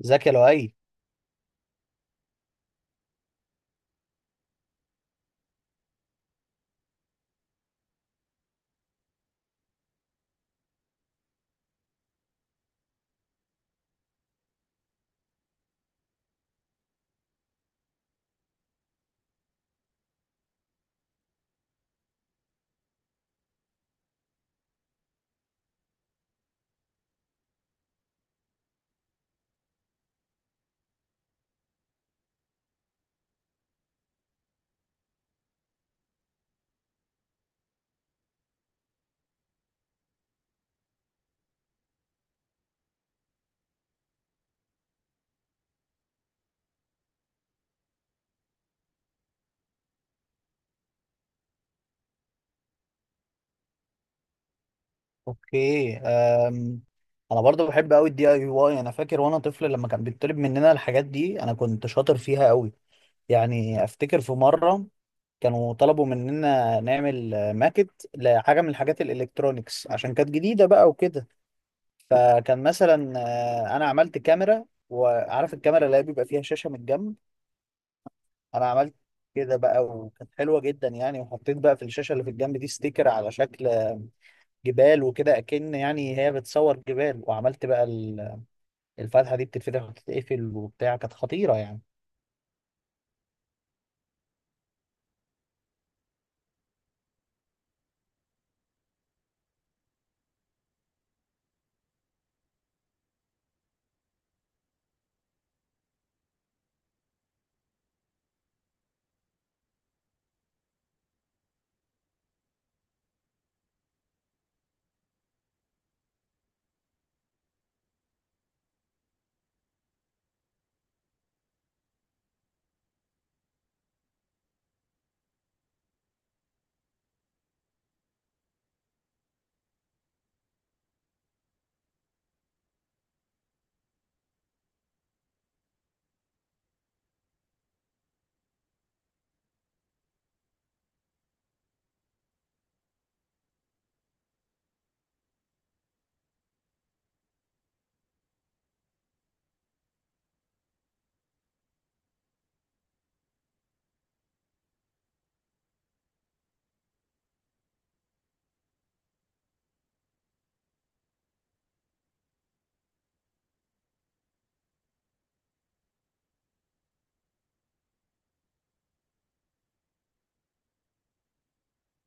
زكي لؤي. اوكي انا برضو بحب قوي الدي اي واي. انا فاكر وانا طفل لما كان بيطلب مننا الحاجات دي انا كنت شاطر فيها قوي. يعني افتكر في مره كانوا طلبوا مننا نعمل ماكت لحاجه من الحاجات الالكترونيكس عشان كانت جديده بقى وكده. فكان مثلا انا عملت كاميرا، وعارف الكاميرا اللي هي بيبقى فيها شاشه من الجنب. انا عملت كده بقى وكانت حلوه جدا يعني، وحطيت بقى في الشاشه اللي في الجنب دي ستيكر على شكل جبال وكده، اكن يعني هي بتصور جبال. وعملت بقى الفتحه دي بتتفتح وتتقفل وبتاع، كانت خطيره يعني.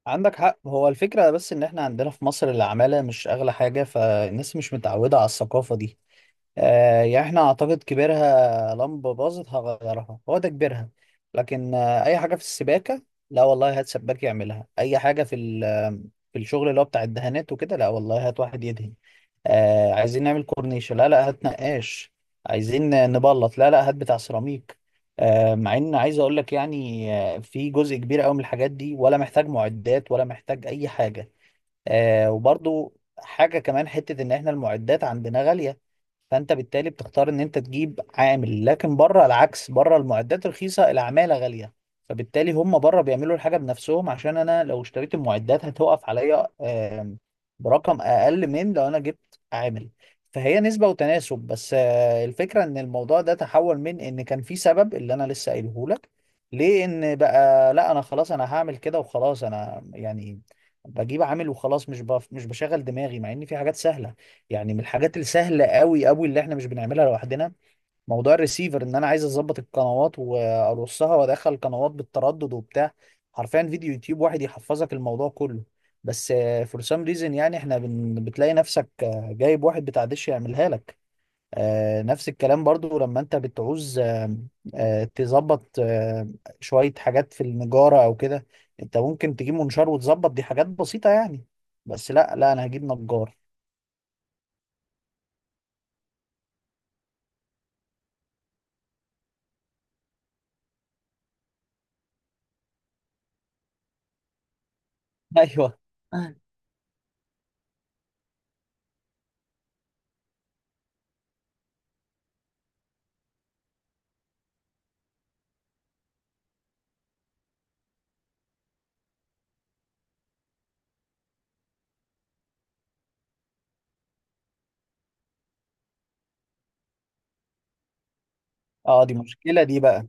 عندك حق، هو الفكره بس ان احنا عندنا في مصر العماله مش اغلى حاجه، فالناس مش متعوده على الثقافه دي. يعني احنا اعتقد كبيرها لمبة باظت هغيرها، هو ده كبيرها. لكن اي حاجة في السباكة، لا والله هات سباك يعملها. اي حاجة في في الشغل اللي هو بتاع الدهانات وكده، لا والله هات واحد يدهن. عايزين نعمل كورنيشة، لا لا هات نقاش. عايزين نبلط، لا لا هات بتاع سيراميك. مع ان عايز اقول لك يعني في جزء كبير قوي من الحاجات دي ولا محتاج معدات ولا محتاج اي حاجة. وبرضو حاجة كمان، حتة ان احنا المعدات عندنا غالية، فانت بالتالي بتختار ان انت تجيب عامل. لكن بره العكس، بره المعدات رخيصه العماله غاليه، فبالتالي هم بره بيعملوا الحاجه بنفسهم، عشان انا لو اشتريت المعدات هتوقف عليا برقم اقل من لو انا جبت عامل. فهي نسبه وتناسب. بس الفكره ان الموضوع ده تحول من ان كان في سبب اللي انا لسه قايله لك، لان بقى لا انا خلاص انا هعمل كده وخلاص، انا يعني بجيب عامل وخلاص، مش بشغل دماغي، مع ان في حاجات سهله. يعني من الحاجات السهلة قوي قوي اللي احنا مش بنعملها لوحدنا، موضوع الريسيفر. ان انا عايز اظبط القنوات وارصها وادخل القنوات بالتردد وبتاع، حرفيا فيديو يوتيوب واحد يحفظك الموضوع كله. بس فور سام ريزن، يعني بتلاقي نفسك جايب واحد بتاع دش يعملها لك. نفس الكلام برضو لما انت بتعوز تظبط شوية حاجات في النجارة او كده. انت ممكن تجيب منشار وتظبط، دي حاجات بسيطة يعني. بس لا لا انا هجيب نجار. ايوه. اه، دي مشكلة دي بقى.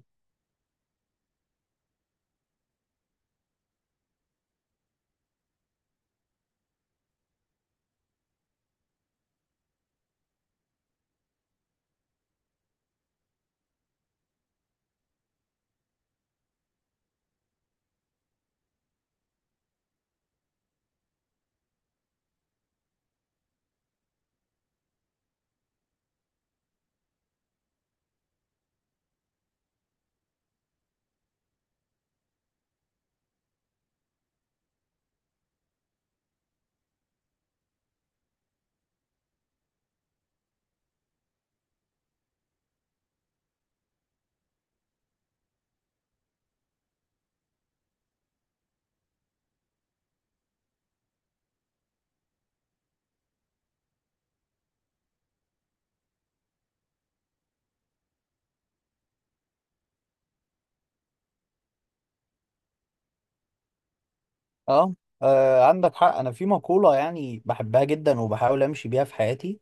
اه، عندك حق. انا في مقولة يعني بحبها جدا وبحاول امشي بيها في حياتي،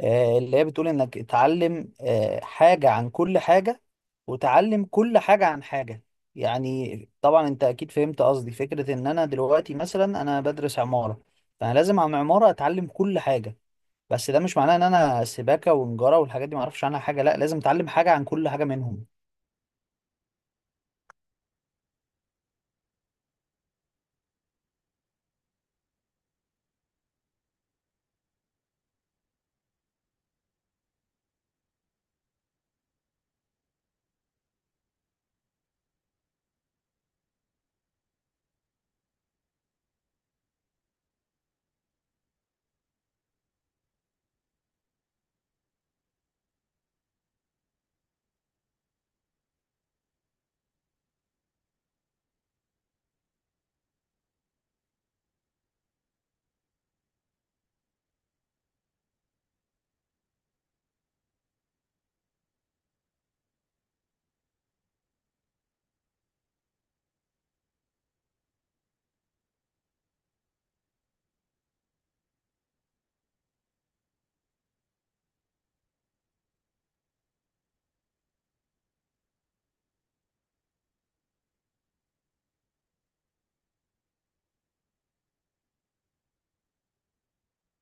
اللي هي بتقول انك اتعلم حاجة عن كل حاجة، وتعلم كل حاجة عن حاجة. يعني طبعا انت اكيد فهمت قصدي. فكرة ان انا دلوقتي مثلا انا بدرس عمارة، فانا لازم عن عمارة اتعلم كل حاجة. بس ده مش معناه ان انا سباكة ونجارة والحاجات دي معرفش عنها حاجة، لا لازم اتعلم حاجة عن كل حاجة منهم.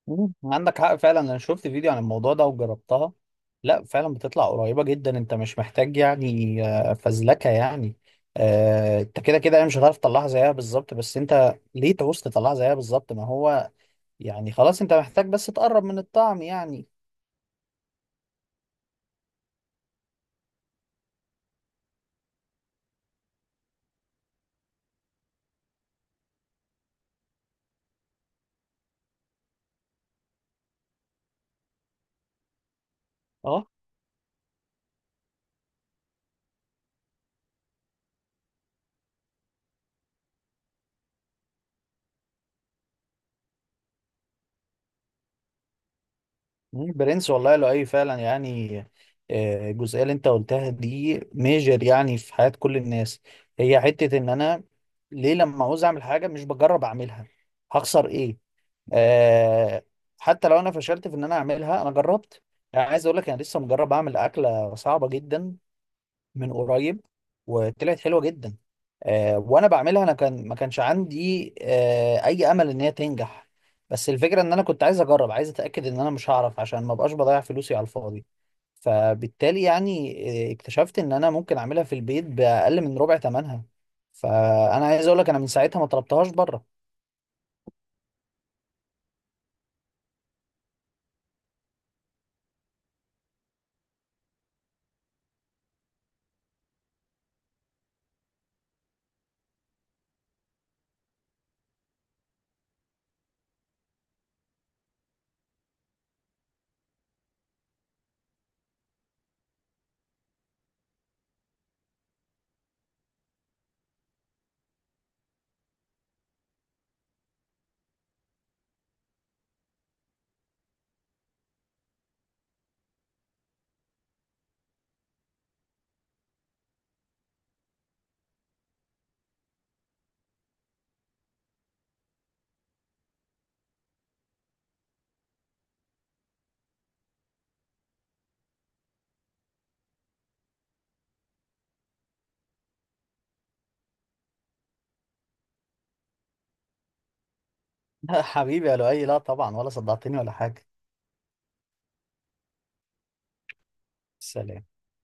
مم، عندك حق فعلا. انا شفت فيديو عن الموضوع ده وجربتها، لا فعلا بتطلع قريبة جدا. انت مش محتاج يعني فزلكة يعني. انت كده كده يعني مش هتعرف تطلعها زيها بالظبط، بس انت ليه تعوز تطلعها زيها بالظبط؟ ما هو يعني خلاص انت محتاج بس تقرب من الطعم يعني. اه. مم، برنس والله، لو اي فعلا يعني، الجزئية اللي انت قلتها دي ميجر يعني في حياة كل الناس. هي حتة ان انا ليه لما عاوز اعمل حاجة مش بجرب اعملها؟ هخسر ايه؟ آه حتى لو انا فشلت في ان انا اعملها انا جربت. يعني عايز اقول لك انا لسه مجرب اعمل اكله صعبه جدا من قريب، وطلعت حلوه جدا. وانا بعملها انا كان ما كانش عندي اي امل ان هي تنجح، بس الفكره ان انا كنت عايز اجرب، عايز اتاكد ان انا مش هعرف عشان ما بقاش بضيع فلوسي على الفاضي. فبالتالي يعني اكتشفت ان انا ممكن اعملها في البيت باقل من ربع ثمنها. فانا عايز اقول لك انا من ساعتها ما طلبتهاش بره. حبيبي يا لؤي، لا طبعا ولا صدعتني ولا حاجه. سلام.